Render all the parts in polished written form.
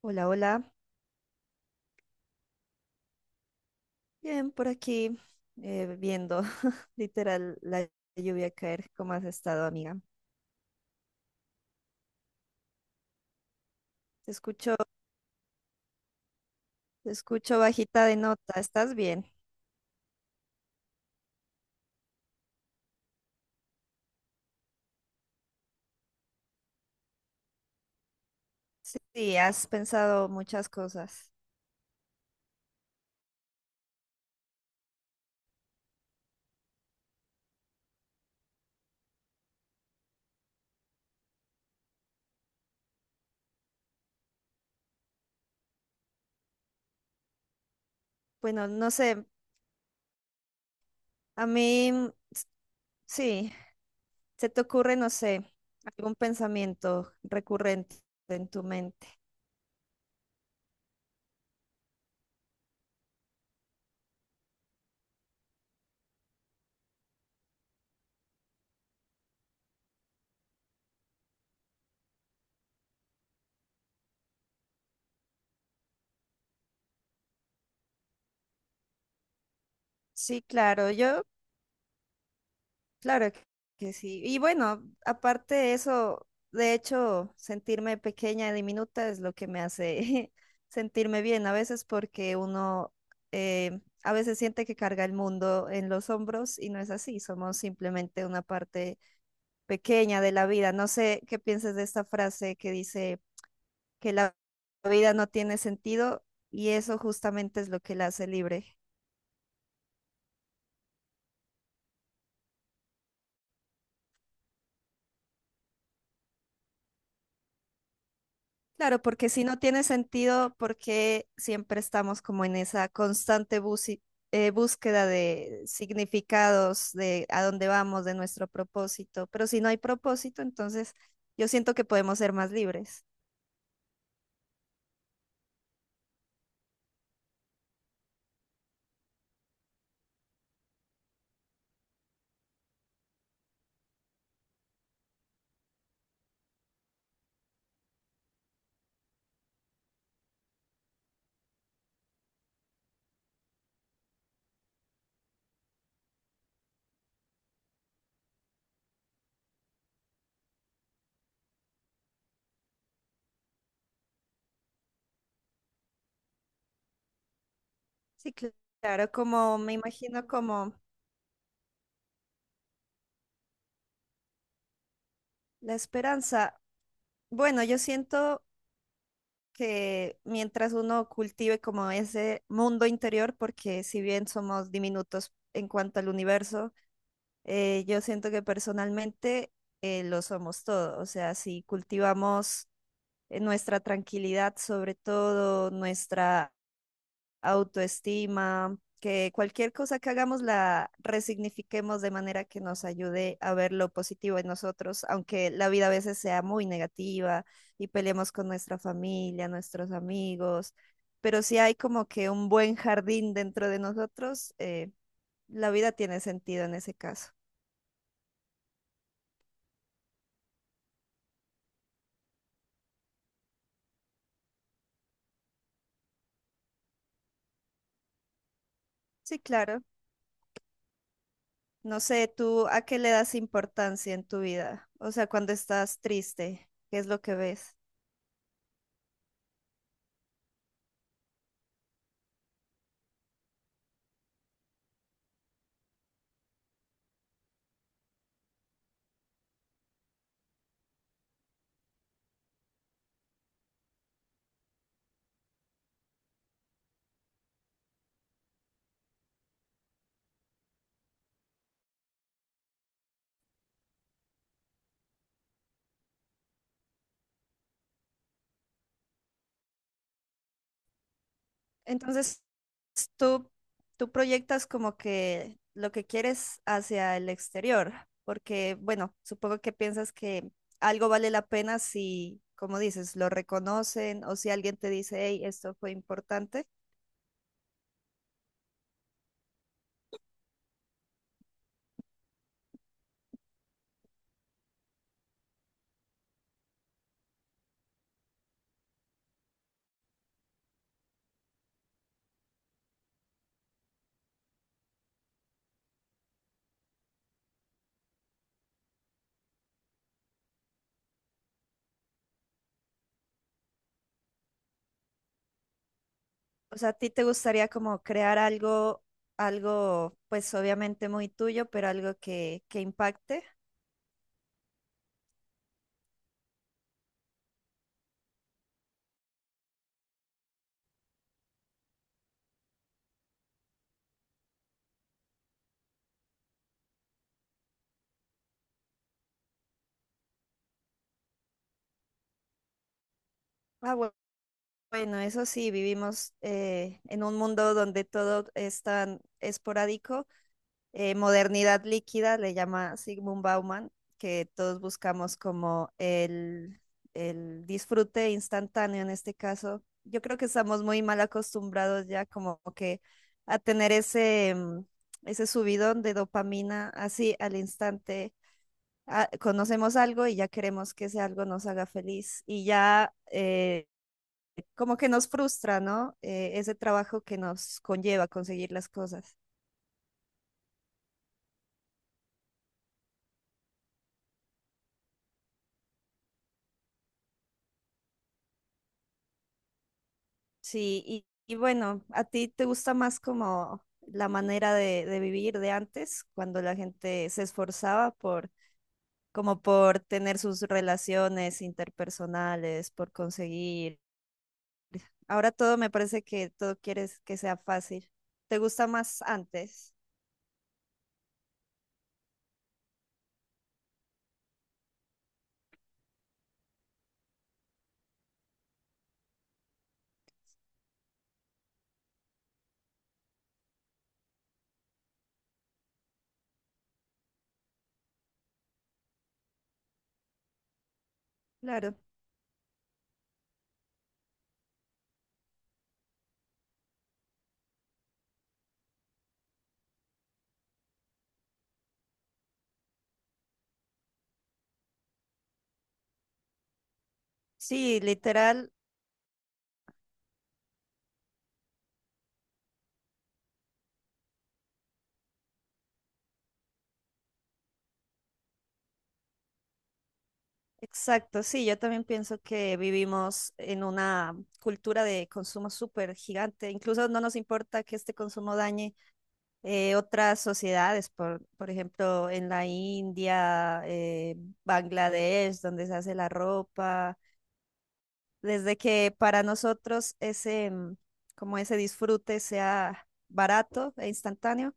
Hola, hola. Bien, por aquí viendo literal la lluvia caer. ¿Cómo has estado, amiga? Te escucho, te escucho bajita de nota. ¿Estás bien? Sí, has pensado muchas cosas. Bueno, no sé, a mí sí, se te ocurre, no sé, algún pensamiento recurrente en tu mente. Sí, claro, yo, claro que que sí. Y bueno, aparte de eso, de hecho, sentirme pequeña y diminuta es lo que me hace sentirme bien a veces porque uno a veces siente que carga el mundo en los hombros y no es así, somos simplemente una parte pequeña de la vida. No sé qué piensas de esta frase que dice que la vida no tiene sentido y eso justamente es lo que la hace libre. Claro, porque si no tiene sentido, porque siempre estamos como en esa constante búsqueda de significados, de a dónde vamos, de nuestro propósito. Pero si no hay propósito, entonces yo siento que podemos ser más libres. Sí, claro, como me imagino como la esperanza. Bueno, yo siento que mientras uno cultive como ese mundo interior, porque si bien somos diminutos en cuanto al universo, yo siento que personalmente lo somos todo, o sea, si cultivamos nuestra tranquilidad, sobre todo nuestra autoestima, que cualquier cosa que hagamos la resignifiquemos de manera que nos ayude a ver lo positivo en nosotros, aunque la vida a veces sea muy negativa y peleemos con nuestra familia, nuestros amigos, pero si hay como que un buen jardín dentro de nosotros, la vida tiene sentido en ese caso. Sí, claro. No sé, ¿tú a qué le das importancia en tu vida? O sea, cuando estás triste, ¿qué es lo que ves? Entonces, tú, tú proyectas como que lo que quieres hacia el exterior, porque, bueno, supongo que piensas que algo vale la pena si, como dices, lo reconocen o si alguien te dice, hey, esto fue importante. O sea, ¿a ti te gustaría como crear algo, algo, pues obviamente muy tuyo, pero algo que impacte? Ah, bu- bueno, eso sí, vivimos en un mundo donde todo es tan esporádico, modernidad líquida, le llama Sigmund Bauman, que todos buscamos como el disfrute instantáneo en este caso. Yo creo que estamos muy mal acostumbrados ya como que a tener ese, ese subidón de dopamina así al instante. Ah, conocemos algo y ya queremos que ese algo nos haga feliz y ya, como que nos frustra, ¿no? Ese trabajo que nos conlleva conseguir las cosas. Sí, y bueno, ¿a ti te gusta más como la manera de vivir de antes, cuando la gente se esforzaba por, como por tener sus relaciones interpersonales, por conseguir? Ahora todo me parece que todo quieres que sea fácil. ¿Te gusta más antes? Claro. Sí, literal, exacto. Sí, yo también pienso que vivimos en una cultura de consumo súper gigante. Incluso no nos importa que este consumo dañe otras sociedades, por ejemplo, en la India, Bangladesh, donde se hace la ropa, desde que para nosotros ese, como ese disfrute sea barato e instantáneo,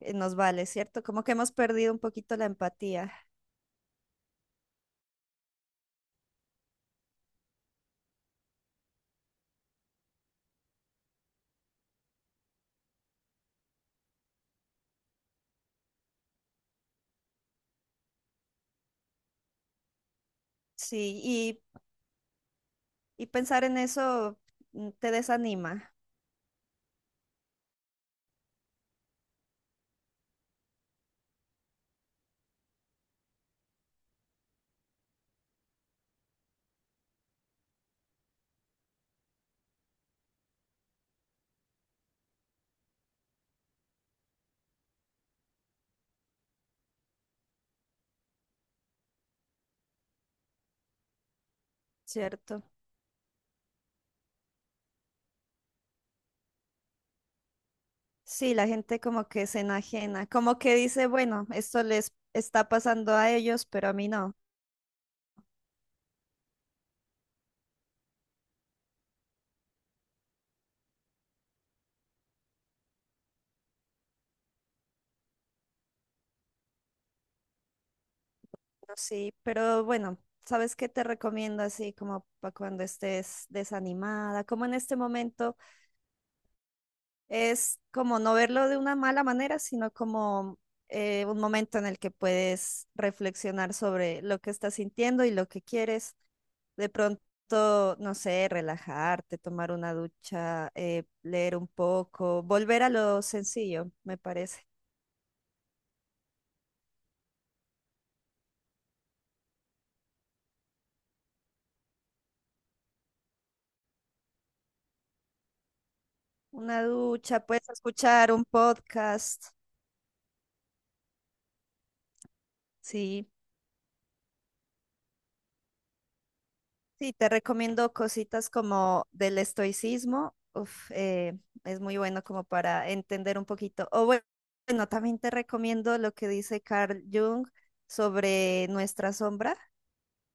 nos vale, ¿cierto? Como que hemos perdido un poquito la empatía. Sí, y pensar en eso, te desanima, ¿cierto? Sí, la gente como que se enajena, como que dice, bueno, esto les está pasando a ellos, pero a mí no. No, sí, pero bueno, ¿sabes qué te recomiendo así como para cuando estés desanimada? Como en este momento. Es como no verlo de una mala manera, sino como un momento en el que puedes reflexionar sobre lo que estás sintiendo y lo que quieres. De pronto, no sé, relajarte, tomar una ducha, leer un poco, volver a lo sencillo, me parece. Una ducha, puedes escuchar un podcast, sí. Sí, te recomiendo cositas como del estoicismo. Uf, es muy bueno como para entender un poquito. Bueno, también te recomiendo lo que dice Carl Jung sobre nuestra sombra.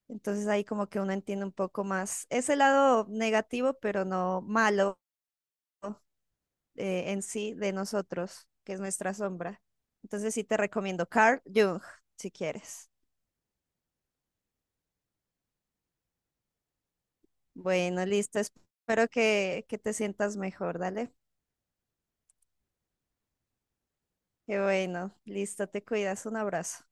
Entonces ahí como que uno entiende un poco más ese lado negativo, pero no malo, en sí de nosotros, que es nuestra sombra. Entonces sí te recomiendo Carl Jung, si quieres. Bueno, listo. Espero que te sientas mejor. Dale. Qué bueno, listo, te cuidas, un abrazo.